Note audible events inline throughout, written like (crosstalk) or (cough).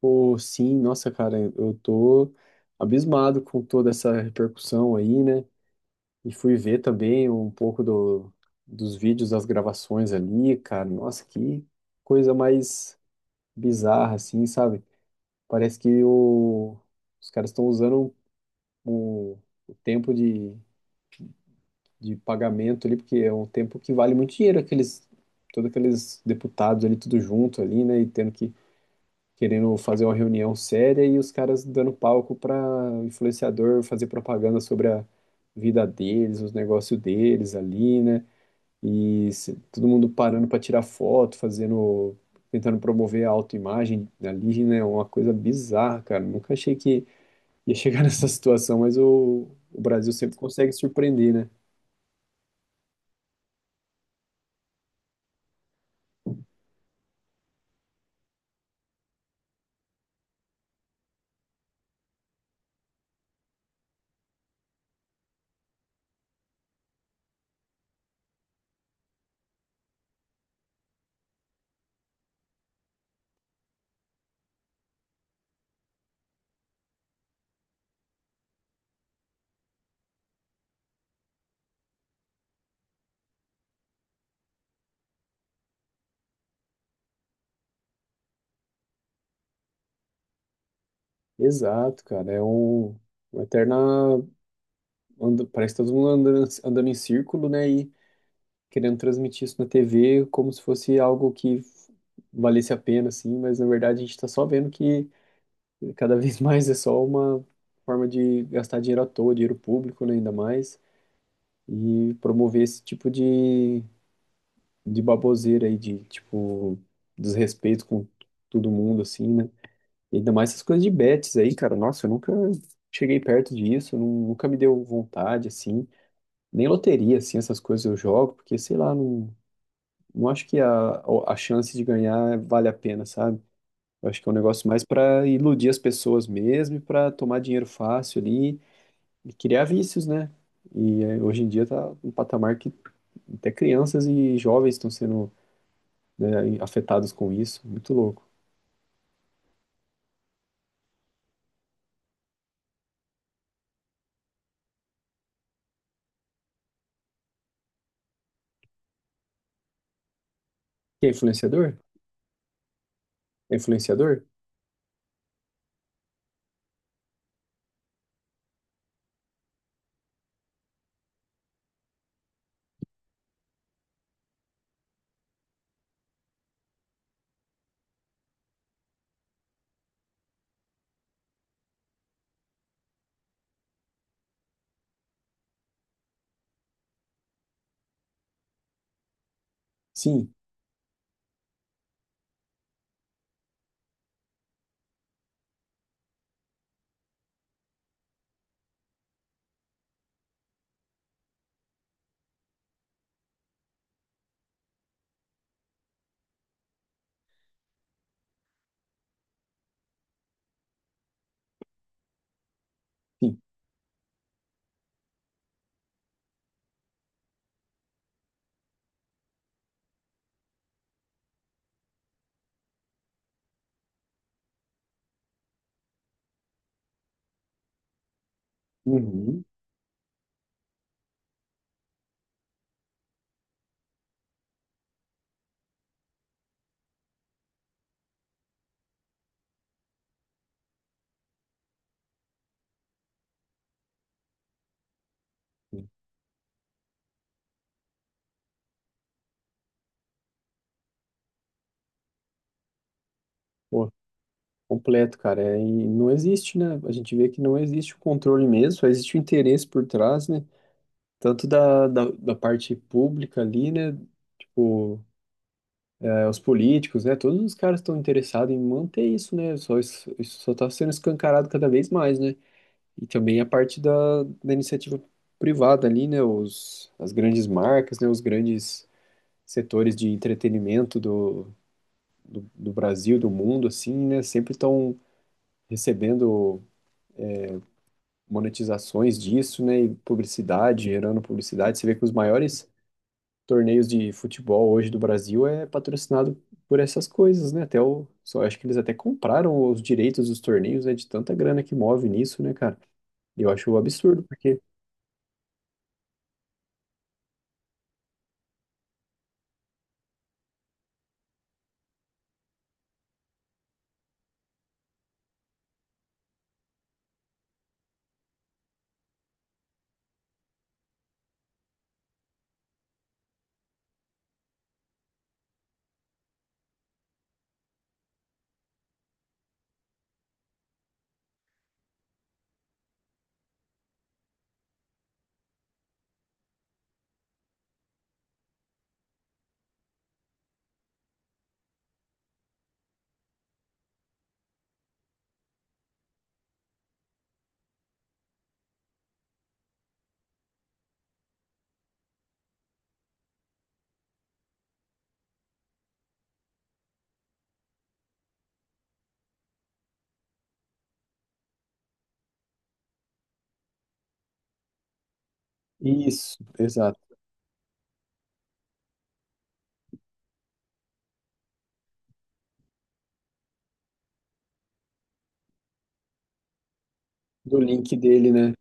Pô, sim, nossa, cara, eu tô abismado com toda essa repercussão aí, né? E fui ver também um pouco dos vídeos das gravações ali, cara. Nossa, que coisa mais bizarra, assim, sabe? Parece que os caras estão usando o, o tempo de pagamento ali, porque é um tempo que vale muito dinheiro, aqueles, todos aqueles deputados ali, tudo junto ali, né? E tendo que querendo fazer uma reunião séria e os caras dando palco para influenciador fazer propaganda sobre a vida deles, os negócios deles ali, né? E todo mundo parando para tirar foto, fazendo, tentando promover a autoimagem ali, né? Uma coisa bizarra, cara. Nunca achei que ia chegar (laughs) nessa situação, mas o Brasil sempre consegue surpreender, né? Exato, cara. É uma eterna. Parece que tá todo mundo andando, andando em círculo, né? E querendo transmitir isso na TV como se fosse algo que valesse a pena, assim, mas na verdade a gente está só vendo que cada (laughs) vez mais é só uma forma de gastar dinheiro à toa, dinheiro público, né, ainda mais, e promover esse tipo de baboseira aí, de, tipo, desrespeito com todo mundo, assim, né? E ainda mais essas coisas de bets aí, cara, nossa, eu nunca cheguei perto disso, nunca me deu vontade, assim, nem loteria, assim, essas coisas eu jogo, porque, sei lá, não. Não acho que a chance de ganhar vale a pena, sabe? Eu acho que é um negócio mais para iludir as pessoas mesmo e para tomar dinheiro fácil ali e criar vícios, né? E hoje em dia tá um patamar que até crianças e jovens estão sendo, né, afetados com isso. Muito louco. E é influenciador? É influenciador? Sim, sim. Uhum. Pô, completo, cara. É, e não existe, né? A gente vê que não existe o controle mesmo, só existe o interesse por trás, né? Tanto da parte pública ali, né? Tipo, é, os políticos, né? Todos os caras estão interessados em manter isso, né? Só isso, isso só está sendo escancarado cada vez mais, né? E também a parte da iniciativa privada ali, né? As grandes marcas, né? Os grandes setores de entretenimento do Brasil, do mundo, assim, né? Sempre estão recebendo monetizações disso, né? E publicidade, gerando publicidade. Você vê que os maiores torneios de futebol hoje do Brasil é patrocinado por essas coisas, né? Até o, só acho que eles até compraram os direitos dos torneios, né? De tanta grana que move nisso, né, cara? Eu acho um absurdo, porque. Isso, exato. Do link dele, né?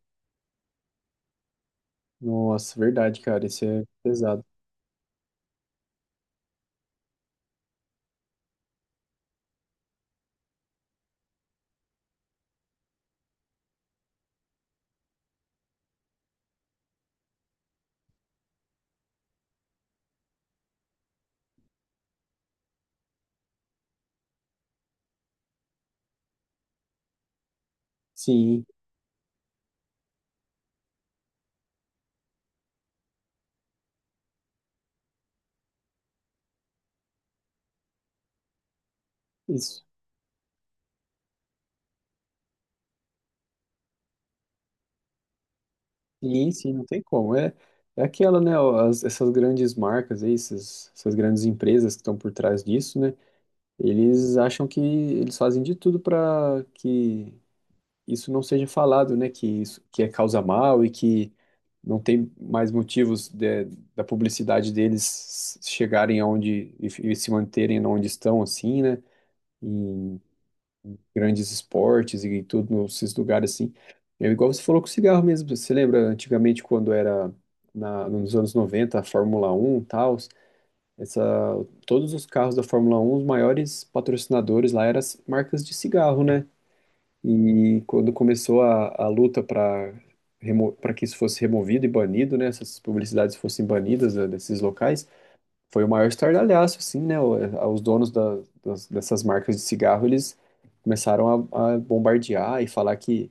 Nossa, verdade, cara, isso é pesado. Sim, isso. Sim, sim, não tem como. É aquela, né? Ó, as- essas grandes marcas aí, essas, essas grandes empresas que estão por trás disso, né? Eles acham que eles fazem de tudo para que isso não seja falado, né? Que isso que é causa mal e que não tem mais motivos da publicidade deles chegarem aonde e se manterem onde estão, assim, né? Em grandes esportes e tudo nesses lugares assim. É igual você falou com o cigarro mesmo. Você lembra antigamente quando era na, nos anos 90, a Fórmula 1, e tal, essa, todos os carros da Fórmula 1, os maiores patrocinadores lá eram as marcas de cigarro, né? E quando começou a luta para que isso fosse removido e banido, né, essas publicidades fossem banidas né, desses locais, foi o maior estardalhaço, assim, né? Os donos dessas marcas de cigarro, eles começaram a bombardear e falar que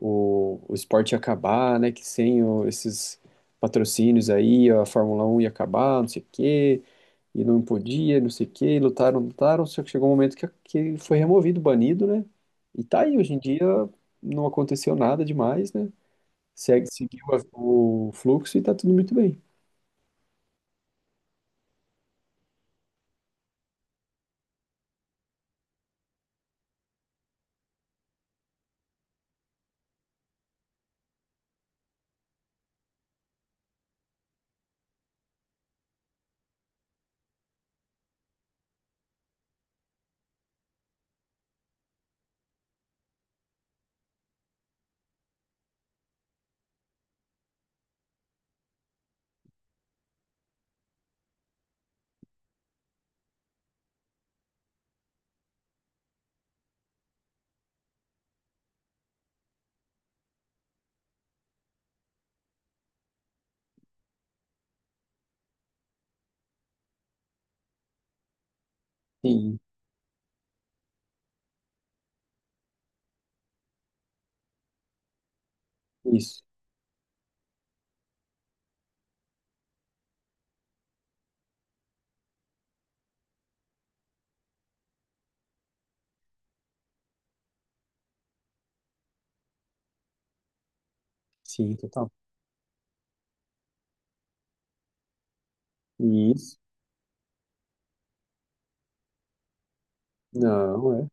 o esporte ia acabar, né? Que sem o- esses patrocínios aí, a Fórmula 1 ia acabar, não sei o quê, e não podia, não sei o quê, e lutaram, lutaram, só que chegou um momento que foi removido, banido, né? E tá aí, hoje em dia não aconteceu nada demais, né? Seguiu a- o fluxo e tá tudo muito bem. Sim, isso. Sim, total. Isso. Não, é.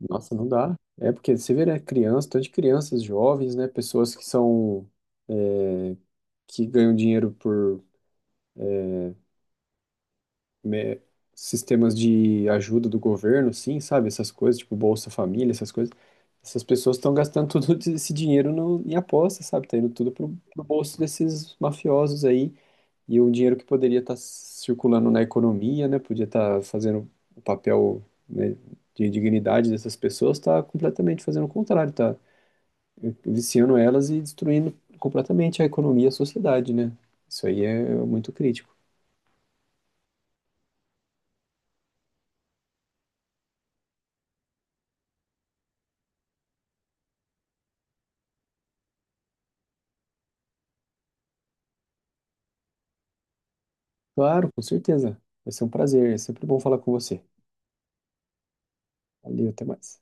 Nossa, não dá. É porque você vê, né? Criança, tanto de crianças, jovens, né? Pessoas que são é, que ganham dinheiro por me- sistemas de ajuda do governo, sim, sabe? Essas coisas, tipo Bolsa Família, essas coisas. Essas pessoas estão gastando todo (laughs) esse dinheiro no, em aposta, sabe? Tá indo tudo pro bolso desses mafiosos aí. E o dinheiro que poderia estar circulando na economia, né? Podia estar fazendo o papel, né, de dignidade dessas pessoas, está completamente fazendo o contrário, tá viciando elas e destruindo completamente a economia e a sociedade, né? Isso aí é muito crítico. Claro, com certeza. Vai ser um prazer. É sempre bom falar com você. Valeu, até mais.